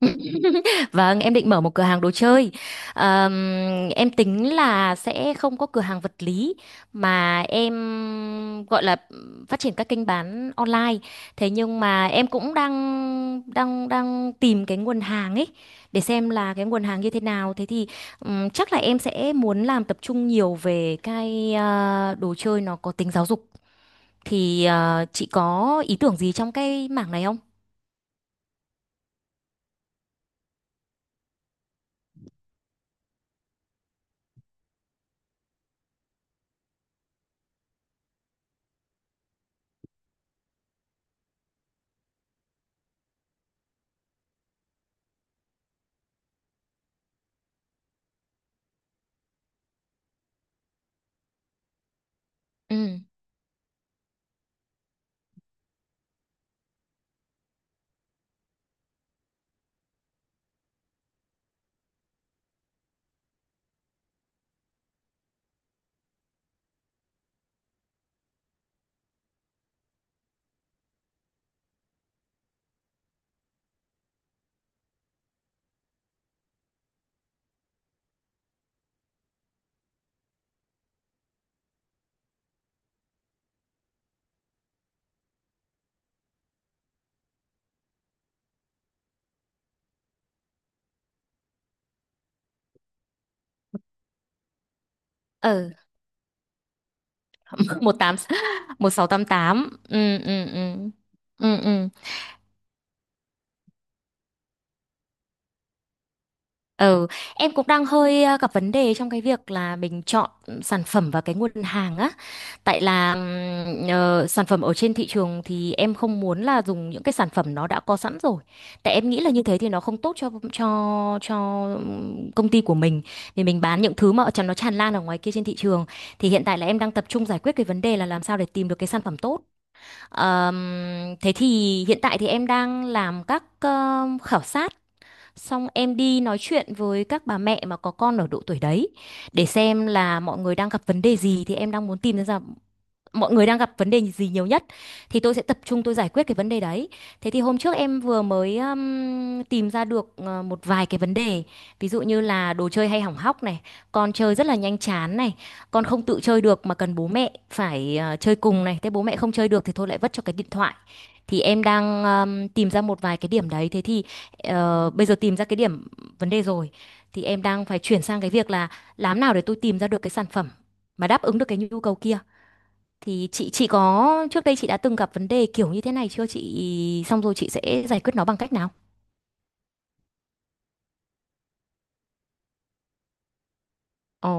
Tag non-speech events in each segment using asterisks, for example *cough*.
*laughs* Vâng, em định mở một cửa hàng đồ chơi. Ờm, em tính là sẽ không có cửa hàng vật lý mà em gọi là phát triển các kênh bán online. Thế nhưng mà em cũng đang đang đang tìm cái nguồn hàng ấy để xem là cái nguồn hàng như thế nào. Thế thì chắc là em sẽ muốn làm tập trung nhiều về cái đồ chơi nó có tính giáo dục. Thì chị có ý tưởng gì trong cái mảng này không? Ừ. 1688. Ừ, ừ, ừ, ừ, ừ, ừ. Em cũng đang hơi gặp vấn đề trong cái việc là mình chọn sản phẩm và cái nguồn hàng á, tại là sản phẩm ở trên thị trường thì em không muốn là dùng những cái sản phẩm nó đã có sẵn rồi, tại em nghĩ là như thế thì nó không tốt cho công ty của mình, vì mình bán những thứ mà ở trong nó tràn lan ở ngoài kia trên thị trường. Thì hiện tại là em đang tập trung giải quyết cái vấn đề là làm sao để tìm được cái sản phẩm tốt. Ờm, thế thì hiện tại thì em đang làm các khảo sát, xong em đi nói chuyện với các bà mẹ mà có con ở độ tuổi đấy để xem là mọi người đang gặp vấn đề gì, thì em đang muốn tìm ra mọi người đang gặp vấn đề gì nhiều nhất, thì tôi sẽ tập trung tôi giải quyết cái vấn đề đấy. Thế thì hôm trước em vừa mới tìm ra được một vài cái vấn đề, ví dụ như là đồ chơi hay hỏng hóc này, con chơi rất là nhanh chán này, con không tự chơi được mà cần bố mẹ phải chơi cùng này, thế bố mẹ không chơi được thì thôi lại vất cho cái điện thoại. Thì em đang tìm ra một vài cái điểm đấy, thế thì bây giờ tìm ra cái điểm vấn đề rồi, thì em đang phải chuyển sang cái việc là làm nào để tôi tìm ra được cái sản phẩm mà đáp ứng được cái nhu cầu kia. Thì chị có, trước đây chị đã từng gặp vấn đề kiểu như thế này chưa chị? Xong rồi chị sẽ giải quyết nó bằng cách nào? Ồ.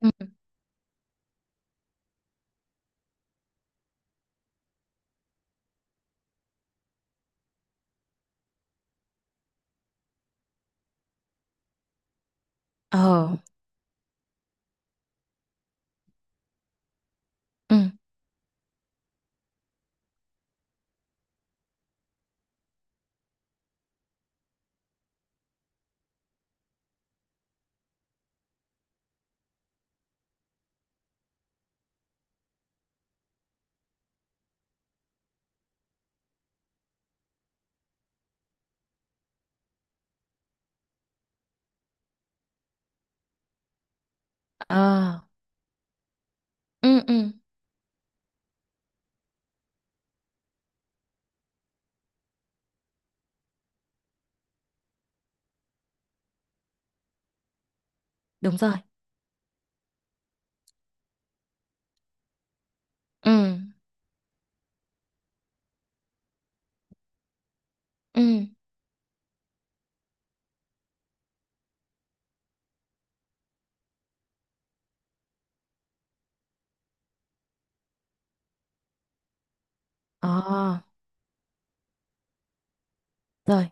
Ừ. Ờ. Ừ. Ờ. Ừ, ừ. Đúng rồi. Ừ. Ừ. Ờ. Rồi.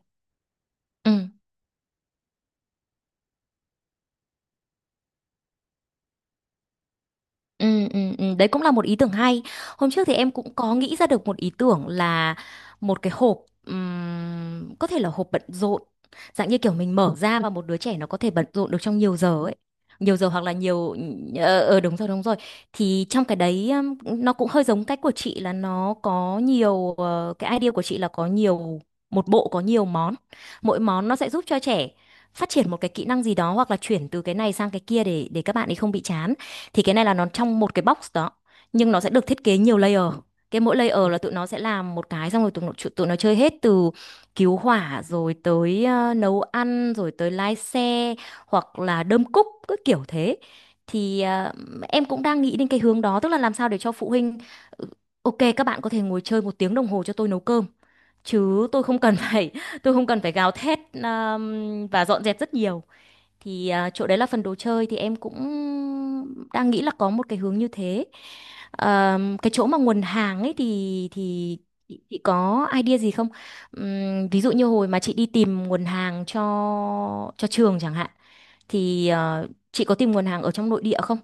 Ừ. Ừ, ừ, ừ, đấy cũng là một ý tưởng hay. Hôm trước thì em cũng có nghĩ ra được một ý tưởng là một cái hộp, có thể là hộp bận rộn, dạng như kiểu mình mở ra và một đứa trẻ nó có thể bận rộn được trong nhiều giờ ấy. Nhiều giờ hoặc là nhiều đúng rồi, đúng rồi. Thì trong cái đấy, nó cũng hơi giống cách của chị, là nó có nhiều cái idea của chị là có nhiều, một bộ có nhiều món. Mỗi món nó sẽ giúp cho trẻ phát triển một cái kỹ năng gì đó, hoặc là chuyển từ cái này sang cái kia để các bạn ấy không bị chán. Thì cái này là nó trong một cái box đó, nhưng nó sẽ được thiết kế nhiều layer, cái mỗi layer là tụi nó sẽ làm một cái, xong rồi tụi nó chơi hết, từ cứu hỏa rồi tới nấu ăn rồi tới lái xe, hoặc là đơm cúc, cứ kiểu thế. Thì em cũng đang nghĩ đến cái hướng đó, tức là làm sao để cho phụ huynh "Ừ, ok các bạn có thể ngồi chơi một tiếng đồng hồ cho tôi nấu cơm, chứ tôi không cần phải *laughs* tôi không cần phải gào thét và dọn dẹp rất nhiều". Thì à, chỗ đấy là phần đồ chơi thì em cũng đang nghĩ là có một cái hướng như thế. Cái chỗ mà nguồn hàng ấy thì chị có idea gì không? Ví dụ như hồi mà chị đi tìm nguồn hàng cho trường chẳng hạn, thì chị có tìm nguồn hàng ở trong nội địa không?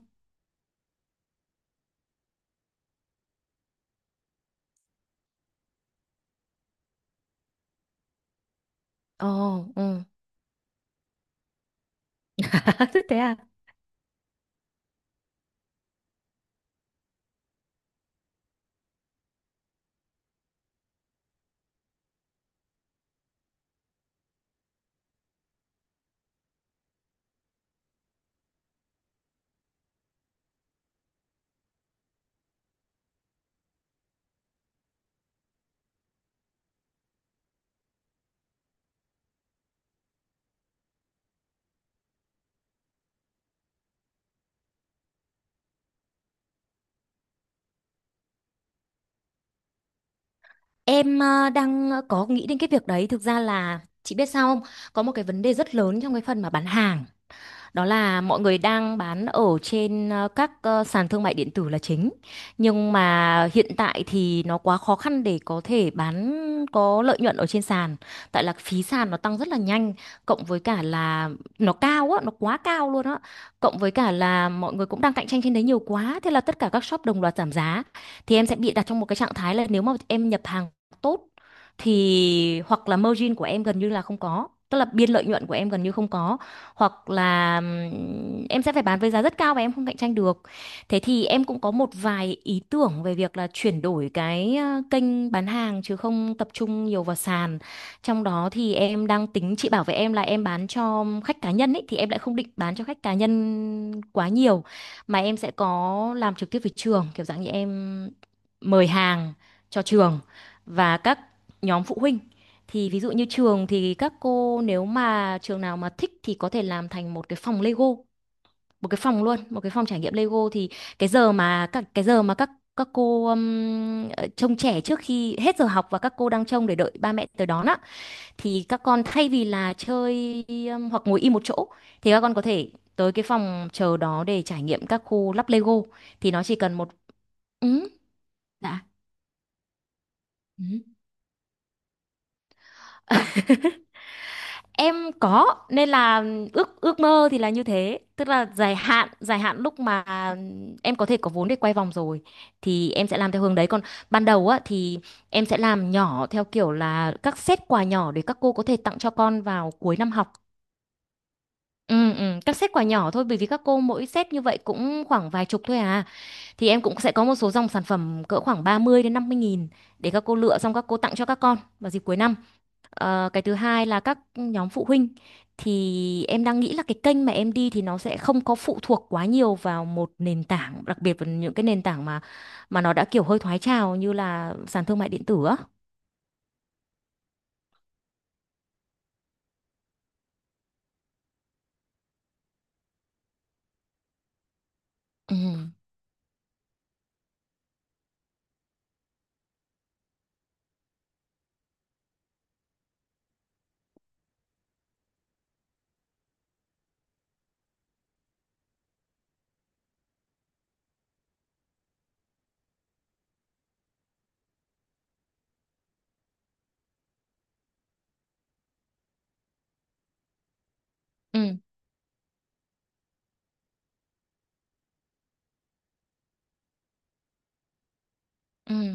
Ồ, ừ. *laughs* Thế à? Em đang có nghĩ đến cái việc đấy. Thực ra là chị biết sao không? Có một cái vấn đề rất lớn trong cái phần mà bán hàng. Đó là mọi người đang bán ở trên các sàn thương mại điện tử là chính, nhưng mà hiện tại thì nó quá khó khăn để có thể bán có lợi nhuận ở trên sàn, tại là phí sàn nó tăng rất là nhanh, cộng với cả là nó cao á, nó quá cao luôn á, cộng với cả là mọi người cũng đang cạnh tranh trên đấy nhiều quá, thế là tất cả các shop đồng loạt giảm giá. Thì em sẽ bị đặt trong một cái trạng thái là nếu mà em nhập hàng tốt thì hoặc là margin của em gần như là không có, tức là biên lợi nhuận của em gần như không có, hoặc là em sẽ phải bán với giá rất cao và em không cạnh tranh được. Thế thì em cũng có một vài ý tưởng về việc là chuyển đổi cái kênh bán hàng chứ không tập trung nhiều vào sàn. Trong đó thì em đang tính, chị bảo với em là em bán cho khách cá nhân ấy, thì em lại không định bán cho khách cá nhân quá nhiều, mà em sẽ có làm trực tiếp với trường, kiểu dạng như em mời hàng cho trường và các nhóm phụ huynh. Thì ví dụ như trường, thì các cô nếu mà trường nào mà thích thì có thể làm thành một cái phòng Lego, một cái phòng luôn, một cái phòng trải nghiệm Lego. Thì cái giờ mà các cô trông trẻ trước khi hết giờ học, và các cô đang trông để đợi ba mẹ tới đón á, thì các con thay vì là chơi hoặc ngồi im một chỗ, thì các con có thể tới cái phòng chờ đó để trải nghiệm các khu lắp Lego, thì nó chỉ cần một. Ừ. Dạ. Ừ. *laughs* Em có nên là ước ước mơ thì là như thế, tức là dài hạn lúc mà em có thể có vốn để quay vòng rồi thì em sẽ làm theo hướng đấy, còn ban đầu á thì em sẽ làm nhỏ theo kiểu là các set quà nhỏ, để các cô có thể tặng cho con vào cuối năm học. Ừ, ừ, các set quà nhỏ thôi, bởi vì các cô mỗi set như vậy cũng khoảng vài chục thôi à, thì em cũng sẽ có một số dòng sản phẩm cỡ khoảng 30 đến 50.000 để các cô lựa, xong các cô tặng cho các con vào dịp cuối năm. Ờ, cái thứ hai là các nhóm phụ huynh, thì em đang nghĩ là cái kênh mà em đi thì nó sẽ không có phụ thuộc quá nhiều vào một nền tảng, đặc biệt là những cái nền tảng mà nó đã kiểu hơi thoái trào, như là sàn thương mại điện tử á. Ừ, ừ, ừ,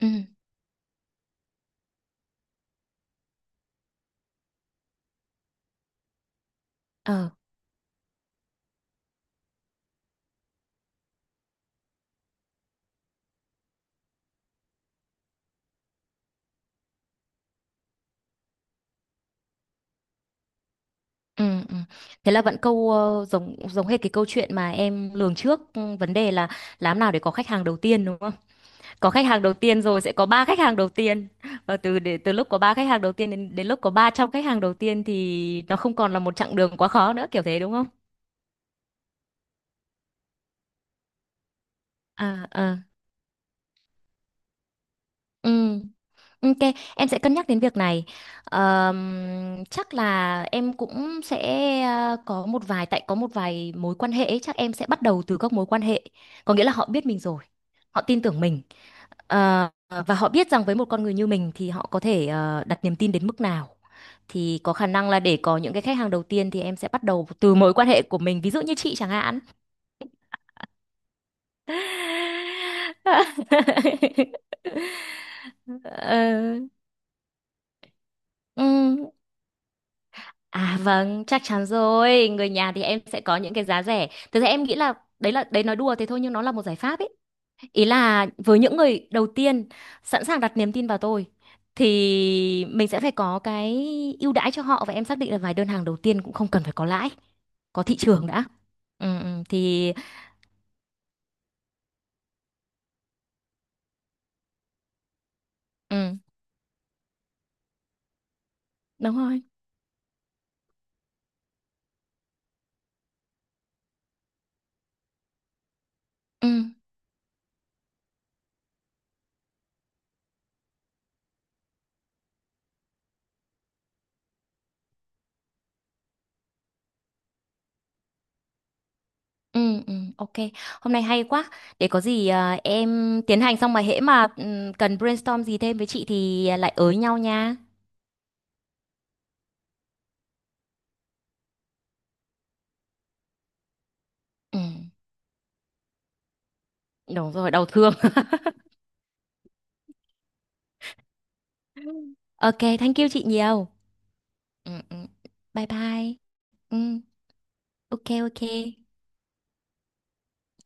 ừ, ờ, ừ, ừ. Thế là vẫn câu, giống giống hết cái câu chuyện mà em lường trước, vấn đề là làm nào để có khách hàng đầu tiên, đúng không? Có khách hàng đầu tiên rồi sẽ có ba khách hàng đầu tiên, và từ lúc có ba khách hàng đầu tiên đến đến lúc có 300 khách hàng đầu tiên thì nó không còn là một chặng đường quá khó nữa, kiểu thế, đúng không? À à, ừ. Ok, em sẽ cân nhắc đến việc này. Chắc là em cũng sẽ có một vài, tại có một vài mối quan hệ ấy, chắc em sẽ bắt đầu từ các mối quan hệ. Có nghĩa là họ biết mình rồi, họ tin tưởng mình. Ờ, và họ biết rằng với một con người như mình thì họ có thể đặt niềm tin đến mức nào, thì có khả năng là để có những cái khách hàng đầu tiên thì em sẽ bắt đầu từ mối quan hệ của mình, ví dụ như chị chẳng hạn. *laughs* Ờ, ừm, À vâng, chắc chắn rồi. Người nhà thì em sẽ có những cái giá rẻ. Thực ra em nghĩ là đấy, là đấy nói đùa thế thôi nhưng nó là một giải pháp ấy. Ý là với những người đầu tiên sẵn sàng đặt niềm tin vào tôi thì mình sẽ phải có cái ưu đãi cho họ, và em xác định là vài đơn hàng đầu tiên cũng không cần phải có lãi, có thị trường đã. Ừ, ừ, thì ừ, đúng rồi. Ừ, ừ, ừ, ok. Hôm nay hay quá. Để có gì à, em tiến hành xong mà hễ mà cần brainstorm gì thêm với chị thì lại ới nhau nha. Ừ, đúng rồi, đau thương. *laughs* Ok, thank you chị nhiều. Ừ, ừ. Bye bye. Ừ. Ok, ok.